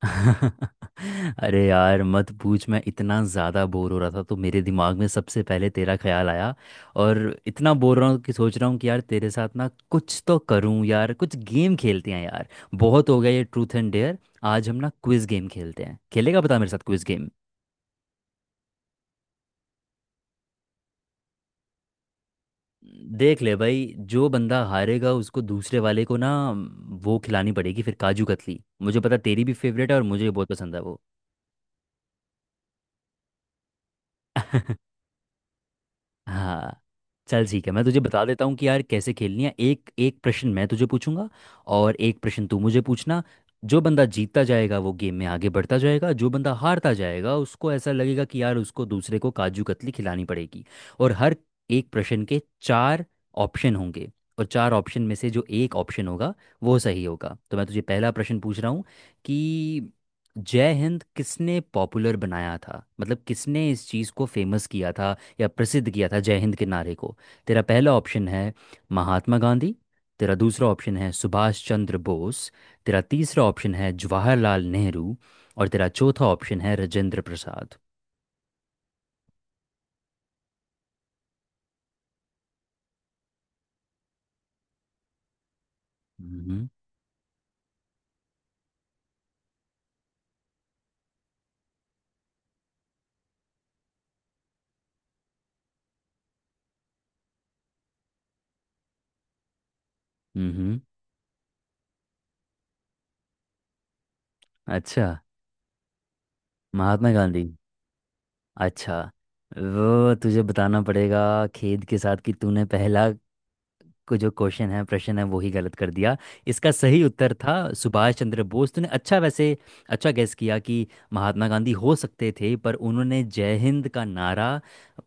अरे यार मत पूछ। मैं इतना ज़्यादा बोर हो रहा था तो मेरे दिमाग में सबसे पहले तेरा ख्याल आया। और इतना बोर रहा हूँ कि सोच रहा हूँ कि यार तेरे साथ ना कुछ तो करूँ यार, कुछ गेम खेलते हैं यार। बहुत हो गया ये ट्रूथ एंड डेयर। आज हम ना क्विज गेम खेलते हैं, खेलेगा बता मेरे साथ क्विज गेम? देख ले भाई, जो बंदा हारेगा उसको दूसरे वाले को ना वो खिलानी पड़ेगी फिर काजू कतली। मुझे पता तेरी भी फेवरेट है, और मुझे बहुत पसंद है वो। हाँ, चल ठीक है, मैं तुझे बता देता हूँ कि यार कैसे खेलनी है। एक एक प्रश्न मैं तुझे पूछूंगा और एक प्रश्न तू मुझे पूछना। जो बंदा जीतता जाएगा वो गेम में आगे बढ़ता जाएगा, जो बंदा हारता जाएगा उसको ऐसा लगेगा कि यार उसको दूसरे को काजू कतली खिलानी पड़ेगी। और हर एक प्रश्न के चार ऑप्शन होंगे, और चार ऑप्शन में से जो एक ऑप्शन होगा वो सही होगा। तो मैं तुझे पहला प्रश्न पूछ रहा हूँ कि जय हिंद किसने पॉपुलर बनाया था, मतलब किसने इस चीज़ को फेमस किया था या प्रसिद्ध किया था जय हिंद के नारे को। तेरा पहला ऑप्शन है महात्मा गांधी। तेरा दूसरा ऑप्शन है सुभाष चंद्र बोस। तेरा तीसरा ऑप्शन है जवाहरलाल नेहरू। और तेरा चौथा ऑप्शन है राजेंद्र प्रसाद। हम्म। हम्म। अच्छा, महात्मा गांधी? अच्छा। वो तुझे बताना पड़ेगा खेद के साथ कि तूने पहला को जो क्वेश्चन है प्रश्न है वो ही गलत कर दिया। इसका सही उत्तर था सुभाष चंद्र बोस। तूने अच्छा वैसे अच्छा गैस किया कि महात्मा गांधी हो सकते थे, पर उन्होंने जय हिंद का नारा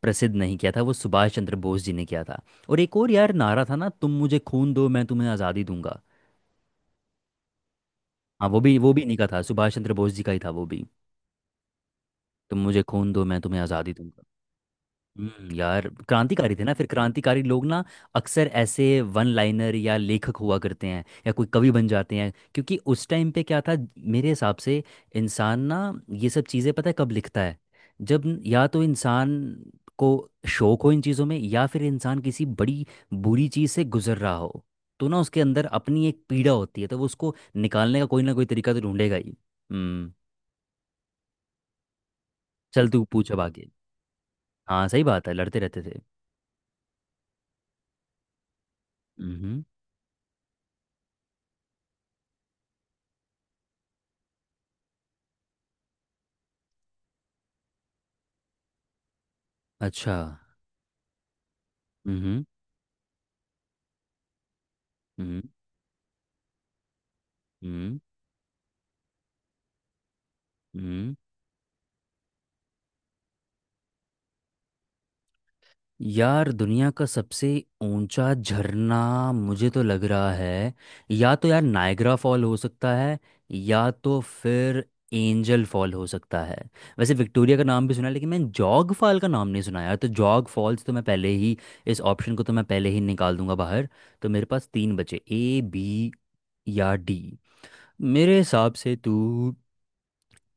प्रसिद्ध नहीं किया था, वो सुभाष चंद्र बोस जी ने किया था। और एक और यार नारा था ना, तुम मुझे खून दो मैं तुम्हें आज़ादी दूंगा। हाँ वो भी इन्हीं का था, सुभाष चंद्र बोस जी का ही था वो भी। तुम मुझे खून दो मैं तुम्हें आज़ादी दूंगा। हम्म, यार क्रांतिकारी थे ना फिर। क्रांतिकारी लोग ना अक्सर ऐसे वन लाइनर या लेखक हुआ करते हैं या कोई कवि बन जाते हैं, क्योंकि उस टाइम पे क्या था, मेरे हिसाब से इंसान ना ये सब चीज़ें पता है कब लिखता है? जब या तो इंसान को शौक हो इन चीज़ों में, या फिर इंसान किसी बड़ी बुरी चीज़ से गुजर रहा हो। तो ना उसके अंदर अपनी एक पीड़ा होती है, तो वो उसको निकालने का कोई ना कोई तरीका तो ढूंढेगा ही। हम्म। चल तू पूछ अब आगे। हाँ सही बात है, लड़ते रहते थे। हम्म। अच्छा। हम्म हम्म हम्म हम्म। यार दुनिया का सबसे ऊंचा झरना मुझे तो लग रहा है या तो यार नायग्रा फॉल हो सकता है, या तो फिर एंजल फॉल हो सकता है। वैसे विक्टोरिया का नाम भी सुना है, लेकिन मैंने जॉग फॉल का नाम नहीं सुना यार, तो जॉग फॉल्स तो मैं पहले ही, इस ऑप्शन को तो मैं पहले ही निकाल दूंगा बाहर। तो मेरे पास तीन बचे, ए बी या डी। मेरे हिसाब से तू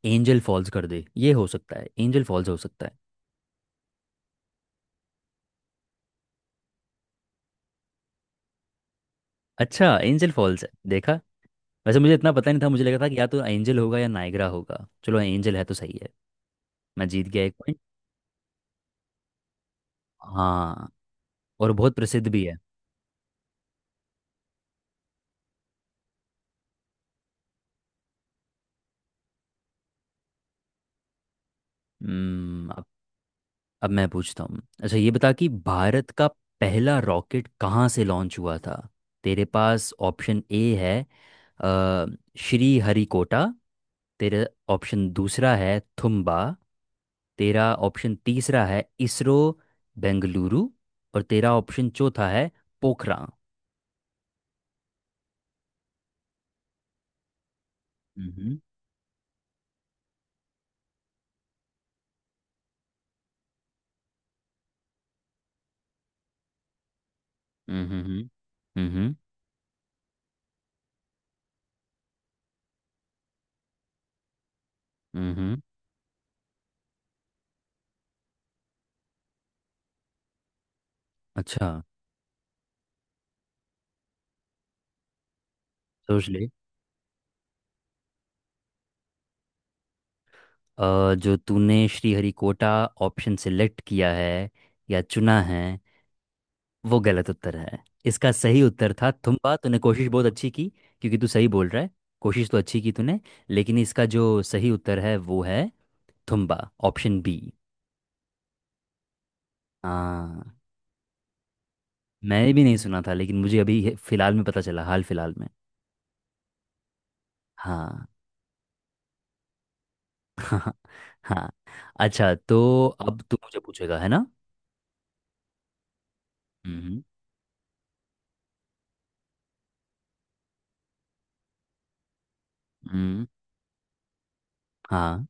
एंजल फॉल्स कर दे, ये हो सकता है एंजल फॉल्स हो सकता है। अच्छा, एंजल फॉल्स है, देखा। वैसे मुझे इतना पता नहीं था, मुझे लगा था कि या तो एंजल होगा या नायग्रा होगा, चलो एंजल है तो सही है। मैं जीत गया एक पॉइंट। हाँ, और बहुत प्रसिद्ध भी है। हम्म। अब मैं पूछता हूँ, अच्छा ये बता कि भारत का पहला रॉकेट कहाँ से लॉन्च हुआ था? तेरे पास ऑप्शन ए है अ, श्री हरिकोटा। तेरा ऑप्शन दूसरा है थुम्बा। तेरा ऑप्शन तीसरा है इसरो बेंगलुरु। और तेरा ऑप्शन चौथा है पोखरा। हम्म हम्म हम्म हम्म अच्छा। सोच ले। जो तूने श्रीहरिकोटा ऑप्शन सिलेक्ट किया है या चुना है, वो गलत उत्तर है। इसका सही उत्तर था थुम्पा। तूने कोशिश बहुत अच्छी की, क्योंकि तू सही बोल रहा है। कोशिश तो अच्छी की तूने, लेकिन इसका जो सही उत्तर है वो है थुम्बा, ऑप्शन बी। हाँ, मैंने भी नहीं सुना था, लेकिन मुझे अभी फिलहाल में पता चला, हाल फिलहाल में। हाँ। हाँ। हाँ। अच्छा, तो अब तू मुझे पूछेगा है ना। हम्म। हम्म। हाँ।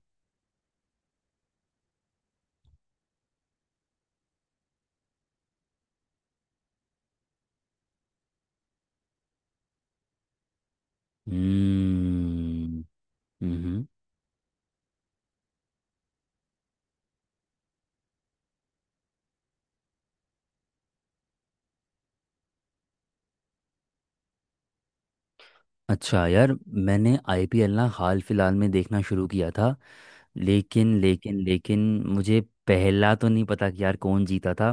हम्म। हम्म हम्म, अच्छा यार, मैंने आईपीएल ना हाल फिलहाल में देखना शुरू किया था, लेकिन लेकिन लेकिन मुझे पहला तो नहीं पता कि यार कौन जीता था।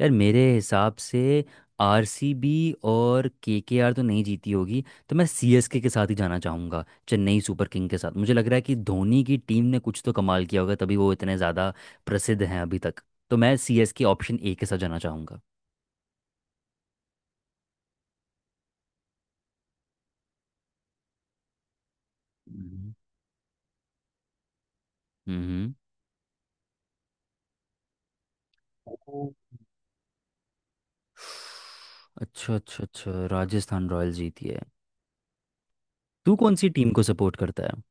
यार मेरे हिसाब से आरसीबी और केकेआर तो नहीं जीती होगी, तो मैं सीएसके के साथ ही जाना चाहूँगा, चेन्नई सुपर किंग के साथ। मुझे लग रहा है कि धोनी की टीम ने कुछ तो कमाल किया होगा तभी वो इतने ज़्यादा प्रसिद्ध हैं अभी तक। तो मैं सीएसके ऑप्शन ए के साथ जाना चाहूँगा। हम्म। हम्म। हम्म। अच्छा अच्छा अच्छा, राजस्थान रॉयल्स जीती है। तू कौन सी टीम को सपोर्ट करता है?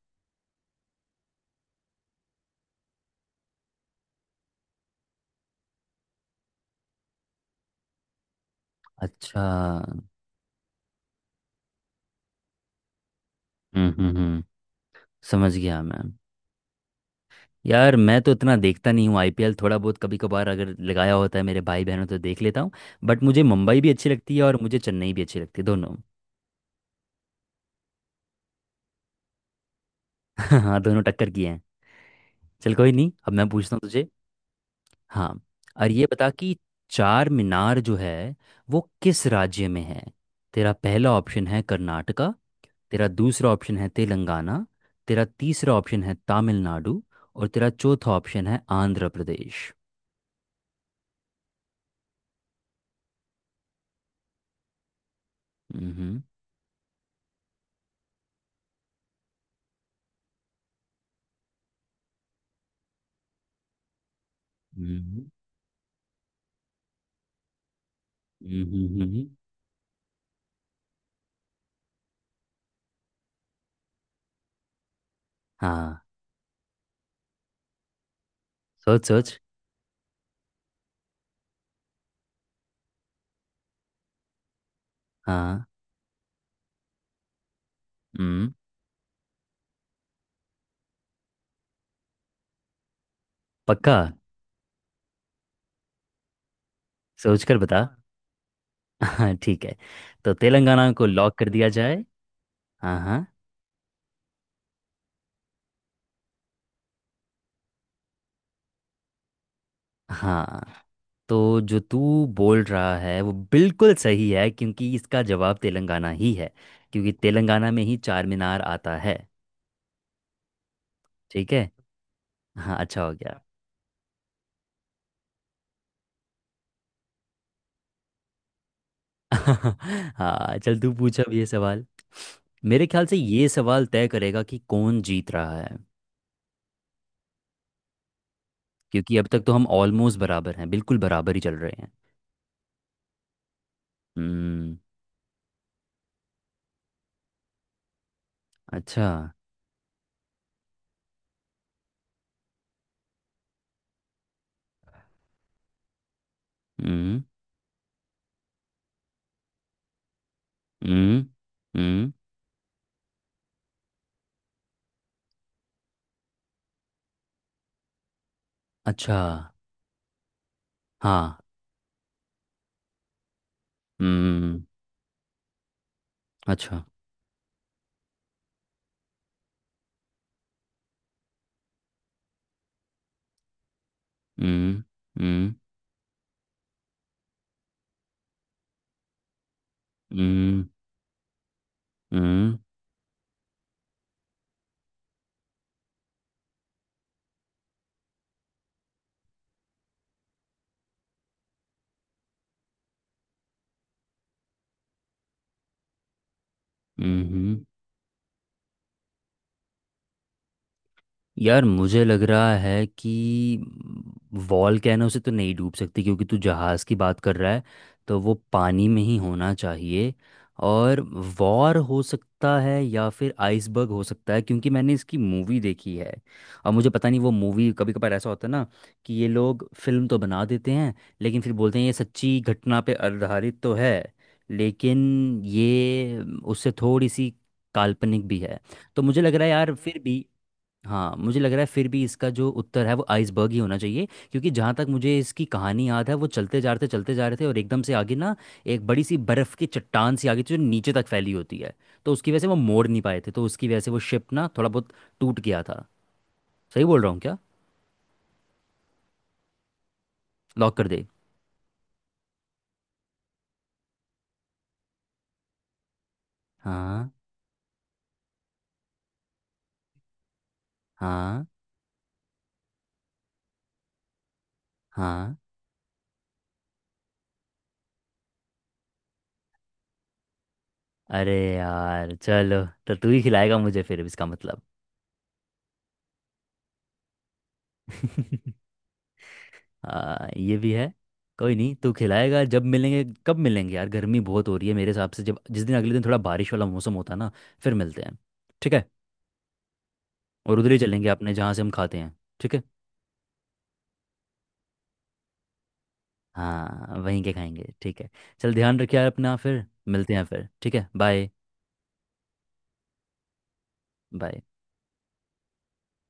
अच्छा। हम्म हम्म हम्म, समझ गया मैम। यार मैं तो इतना देखता नहीं हूँ आईपीएल, थोड़ा बहुत कभी कभार अगर लगाया होता है मेरे भाई बहनों तो देख लेता हूँ। बट मुझे मुंबई भी अच्छी लगती है और मुझे चेन्नई भी अच्छी लगती है, दोनों। हाँ, दोनों टक्कर किए हैं। चल कोई नहीं, अब मैं पूछता हूँ तुझे। हाँ। और ये बता कि चार मीनार जो है वो किस राज्य में है? तेरा पहला ऑप्शन है कर्नाटका। तेरा दूसरा ऑप्शन है तेलंगाना। तेरा तीसरा ऑप्शन है तमिलनाडु। और तेरा चौथा ऑप्शन है आंध्र प्रदेश। हम्म। हम्म। हम्म, हम्म, हम्म, हम्म, हम्म। हाँ। सोच सोच। हाँ। हम्म। पक्का? सोच कर बता। हाँ ठीक है, तो तेलंगाना को लॉक कर दिया जाए। हाँ हाँ हाँ। तो जो तू बोल रहा है वो बिल्कुल सही है, क्योंकि इसका जवाब तेलंगाना ही है, क्योंकि तेलंगाना में ही चार मीनार आता है। ठीक है। हाँ अच्छा हो गया। हाँ, चल तू पूछ अब ये सवाल। मेरे ख्याल से ये सवाल तय करेगा कि कौन जीत रहा है, क्योंकि अब तक तो हम ऑलमोस्ट बराबर हैं, बिल्कुल बराबर ही चल रहे हैं। हम्म। अच्छा। हम्म। हम्म। हम्म। अच्छा। हाँ। हम्म। अच्छा। हम्म हम्म हम्म हम्म हम्म, हम्म, यार मुझे लग रहा है कि वॉलकैनो से तो नहीं डूब सकती, क्योंकि तू जहाज़ की बात कर रहा है, तो वो पानी में ही होना चाहिए। और वॉर हो सकता है या फिर आइसबर्ग हो सकता है, क्योंकि मैंने इसकी मूवी देखी है। और मुझे पता नहीं, वो मूवी कभी कभार ऐसा होता है ना, कि ये लोग फिल्म तो बना देते हैं लेकिन फिर बोलते हैं ये सच्ची घटना पे आधारित तो है, लेकिन ये उससे थोड़ी सी काल्पनिक भी है। तो मुझे लग रहा है यार फिर भी, हाँ मुझे लग रहा है फिर भी इसका जो उत्तर है वो आइसबर्ग ही होना चाहिए। क्योंकि जहाँ तक मुझे इसकी कहानी याद है, वो चलते जा रहे थे चलते जा रहे थे और एकदम से आगे ना एक बड़ी सी बर्फ़ की चट्टान सी आ गई थी, जो नीचे तक फैली होती है। तो उसकी वजह से वो मोड़ नहीं पाए थे, तो उसकी वजह से वो शिप ना थोड़ा बहुत टूट गया था। सही बोल रहा हूँ क्या? लॉक कर दे। हाँ। हाँ हाँ। अरे यार चलो, तो तू ही खिलाएगा मुझे फिर, इसका मतलब। ये भी है। कोई नहीं, तू खिलाएगा। जब मिलेंगे कब मिलेंगे यार, गर्मी बहुत हो रही है। मेरे हिसाब से जब जिस दिन अगले दिन थोड़ा बारिश वाला मौसम होता है ना, फिर मिलते हैं, ठीक है? और उधर ही चलेंगे अपने जहाँ से हम खाते हैं। ठीक है। हाँ वहीं के खाएंगे, ठीक है। चल ध्यान रखिए यार अपना, फिर मिलते हैं फिर, ठीक है, बाय। बाय।